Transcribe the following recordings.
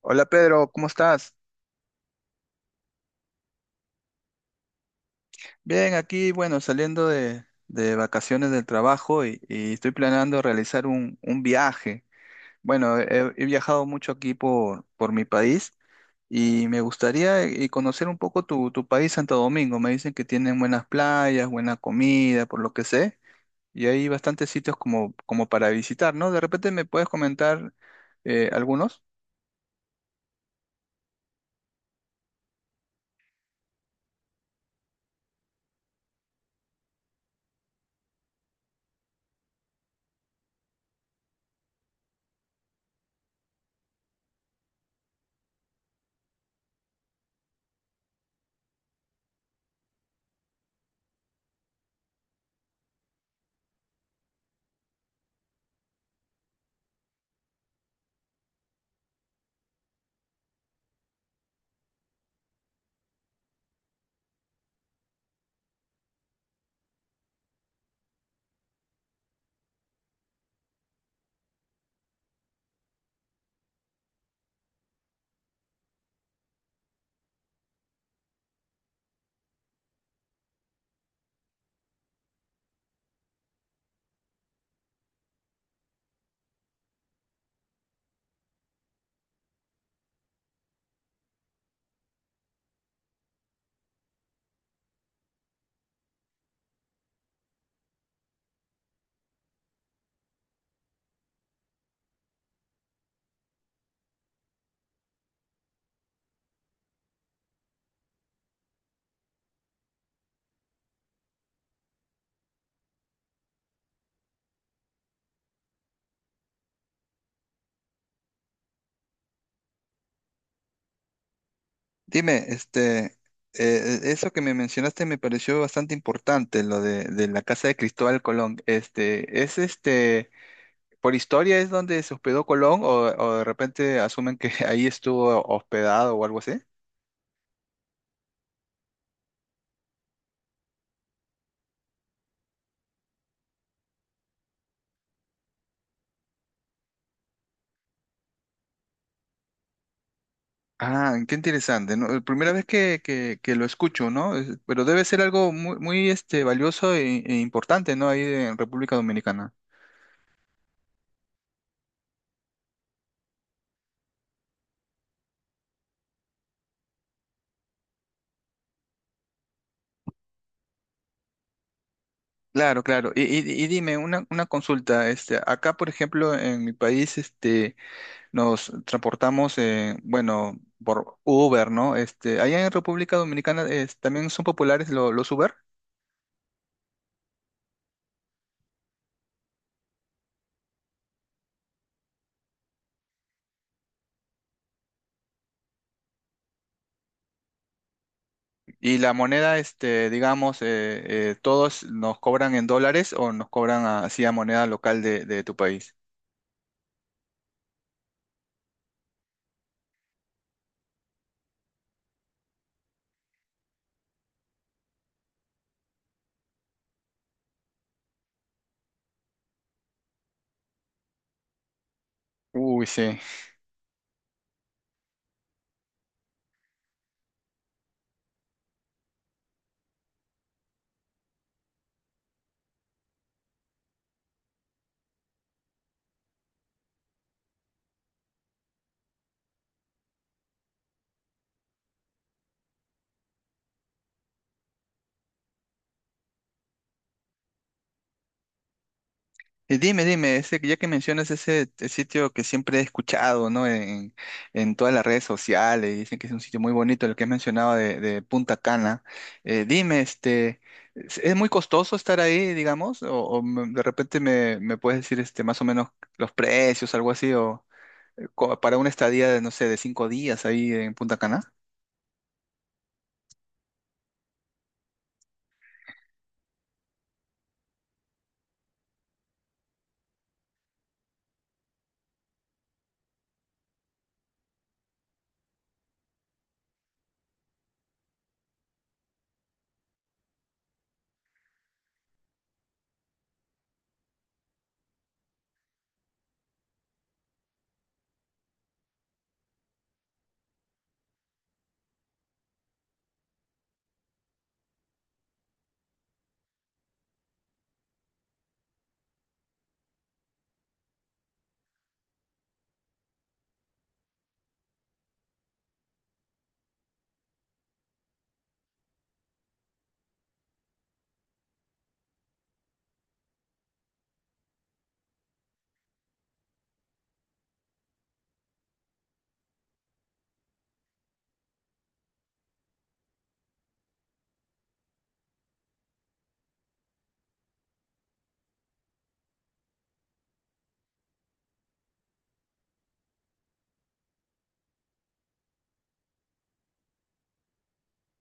Hola Pedro, ¿cómo estás? Bien, aquí, bueno, saliendo de vacaciones del trabajo y, estoy planeando realizar un viaje. Bueno, he viajado mucho aquí por mi país y me gustaría conocer un poco tu país, Santo Domingo. Me dicen que tienen buenas playas, buena comida, por lo que sé, y hay bastantes sitios como para visitar, ¿no? De repente me puedes comentar algunos. Dime, este, eso que me mencionaste me pareció bastante importante, lo de la casa de Cristóbal Colón. Este, ¿ por historia es donde se hospedó Colón o de repente asumen que ahí estuvo hospedado o algo así? Ah, qué interesante, ¿no? Primera vez que lo escucho, ¿no? Pero debe ser algo muy, muy este, valioso e importante, ¿no? Ahí en República Dominicana. Claro, claro. Y dime, una consulta, este, acá, por ejemplo, en mi país, este, nos transportamos, bueno, por Uber, ¿no? Este, allá en República Dominicana también son populares los Uber, y la moneda, este, digamos, todos nos cobran en dólares o nos cobran así a moneda local de tu país. Uy, sí. Y dime, dime, ese, ya que mencionas ese sitio que siempre he escuchado, ¿no? En todas las redes sociales, dicen que es un sitio muy bonito, el que has mencionado de Punta Cana. Dime, este, es muy costoso estar ahí, digamos? O, de repente me puedes decir este, más o menos los precios, algo así, o para una estadía de, no sé, de cinco días ahí en Punta Cana.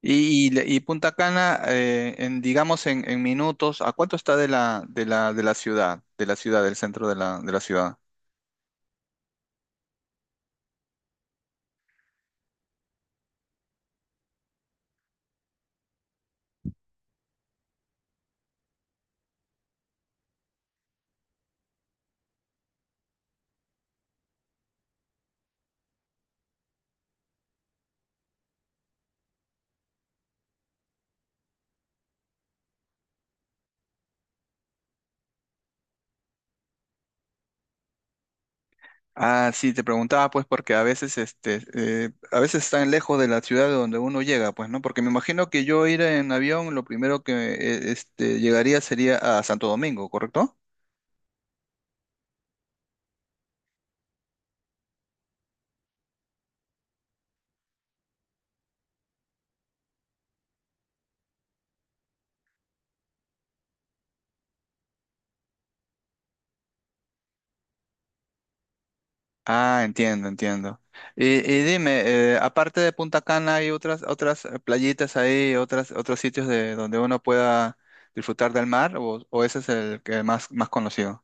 Y, y Punta Cana, en, digamos, en minutos, ¿a cuánto está de la ciudad, de la ciudad, del centro de de la ciudad? Ah, sí, te preguntaba pues porque a veces este a veces están lejos de la ciudad de donde uno llega, pues, ¿no? Porque me imagino que yo ir en avión, lo primero que este llegaría sería a Santo Domingo, ¿correcto? Ah, entiendo, entiendo. Y dime, aparte de Punta Cana, ¿hay otras playitas ahí, otras otros sitios de donde uno pueda disfrutar del mar o ese es el que más conocido?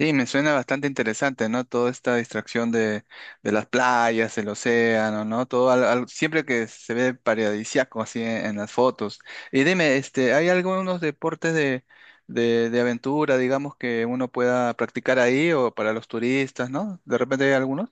Sí, me suena bastante interesante, ¿no? Toda esta distracción de las playas, el océano, ¿no? Todo siempre que se ve paradisíaco así en las fotos. Y dime, este, ¿hay algunos deportes de, de aventura, digamos, que uno pueda practicar ahí o para los turistas, ¿no? De repente hay algunos.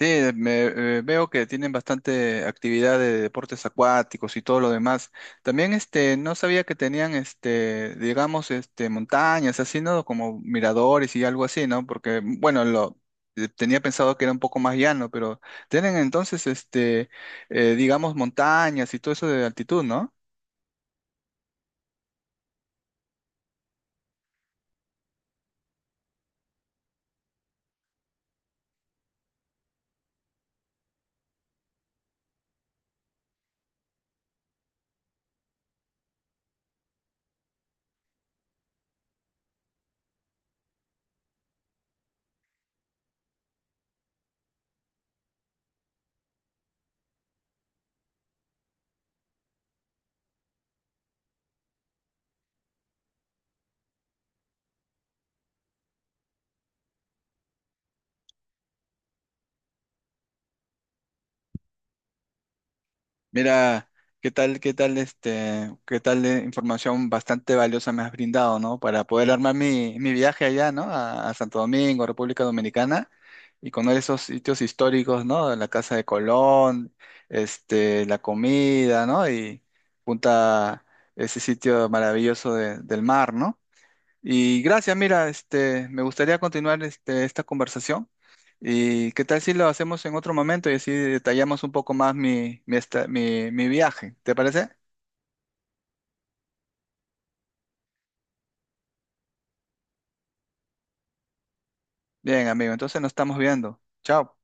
Sí, me, veo que tienen bastante actividad de deportes acuáticos y todo lo demás. También este, no sabía que tenían este, digamos, este, montañas, así, ¿no? Como miradores y algo así, ¿no? Porque, bueno, lo tenía pensado que era un poco más llano, pero tienen entonces este, digamos, montañas y todo eso de altitud, ¿no? Mira, qué tal, este, qué tal de información bastante valiosa me has brindado, ¿no? Para poder armar mi, mi viaje allá, ¿no? A Santo Domingo, República Dominicana, y conocer esos sitios históricos, ¿no? La Casa de Colón, este, la comida, ¿no? Y punta ese sitio maravilloso del mar, ¿no? Y gracias, mira, este, me gustaría continuar este, esta conversación. ¿Y qué tal si lo hacemos en otro momento y así detallamos un poco más mi, mi, mi viaje? ¿Te parece? Bien, amigo, entonces nos estamos viendo. Chao.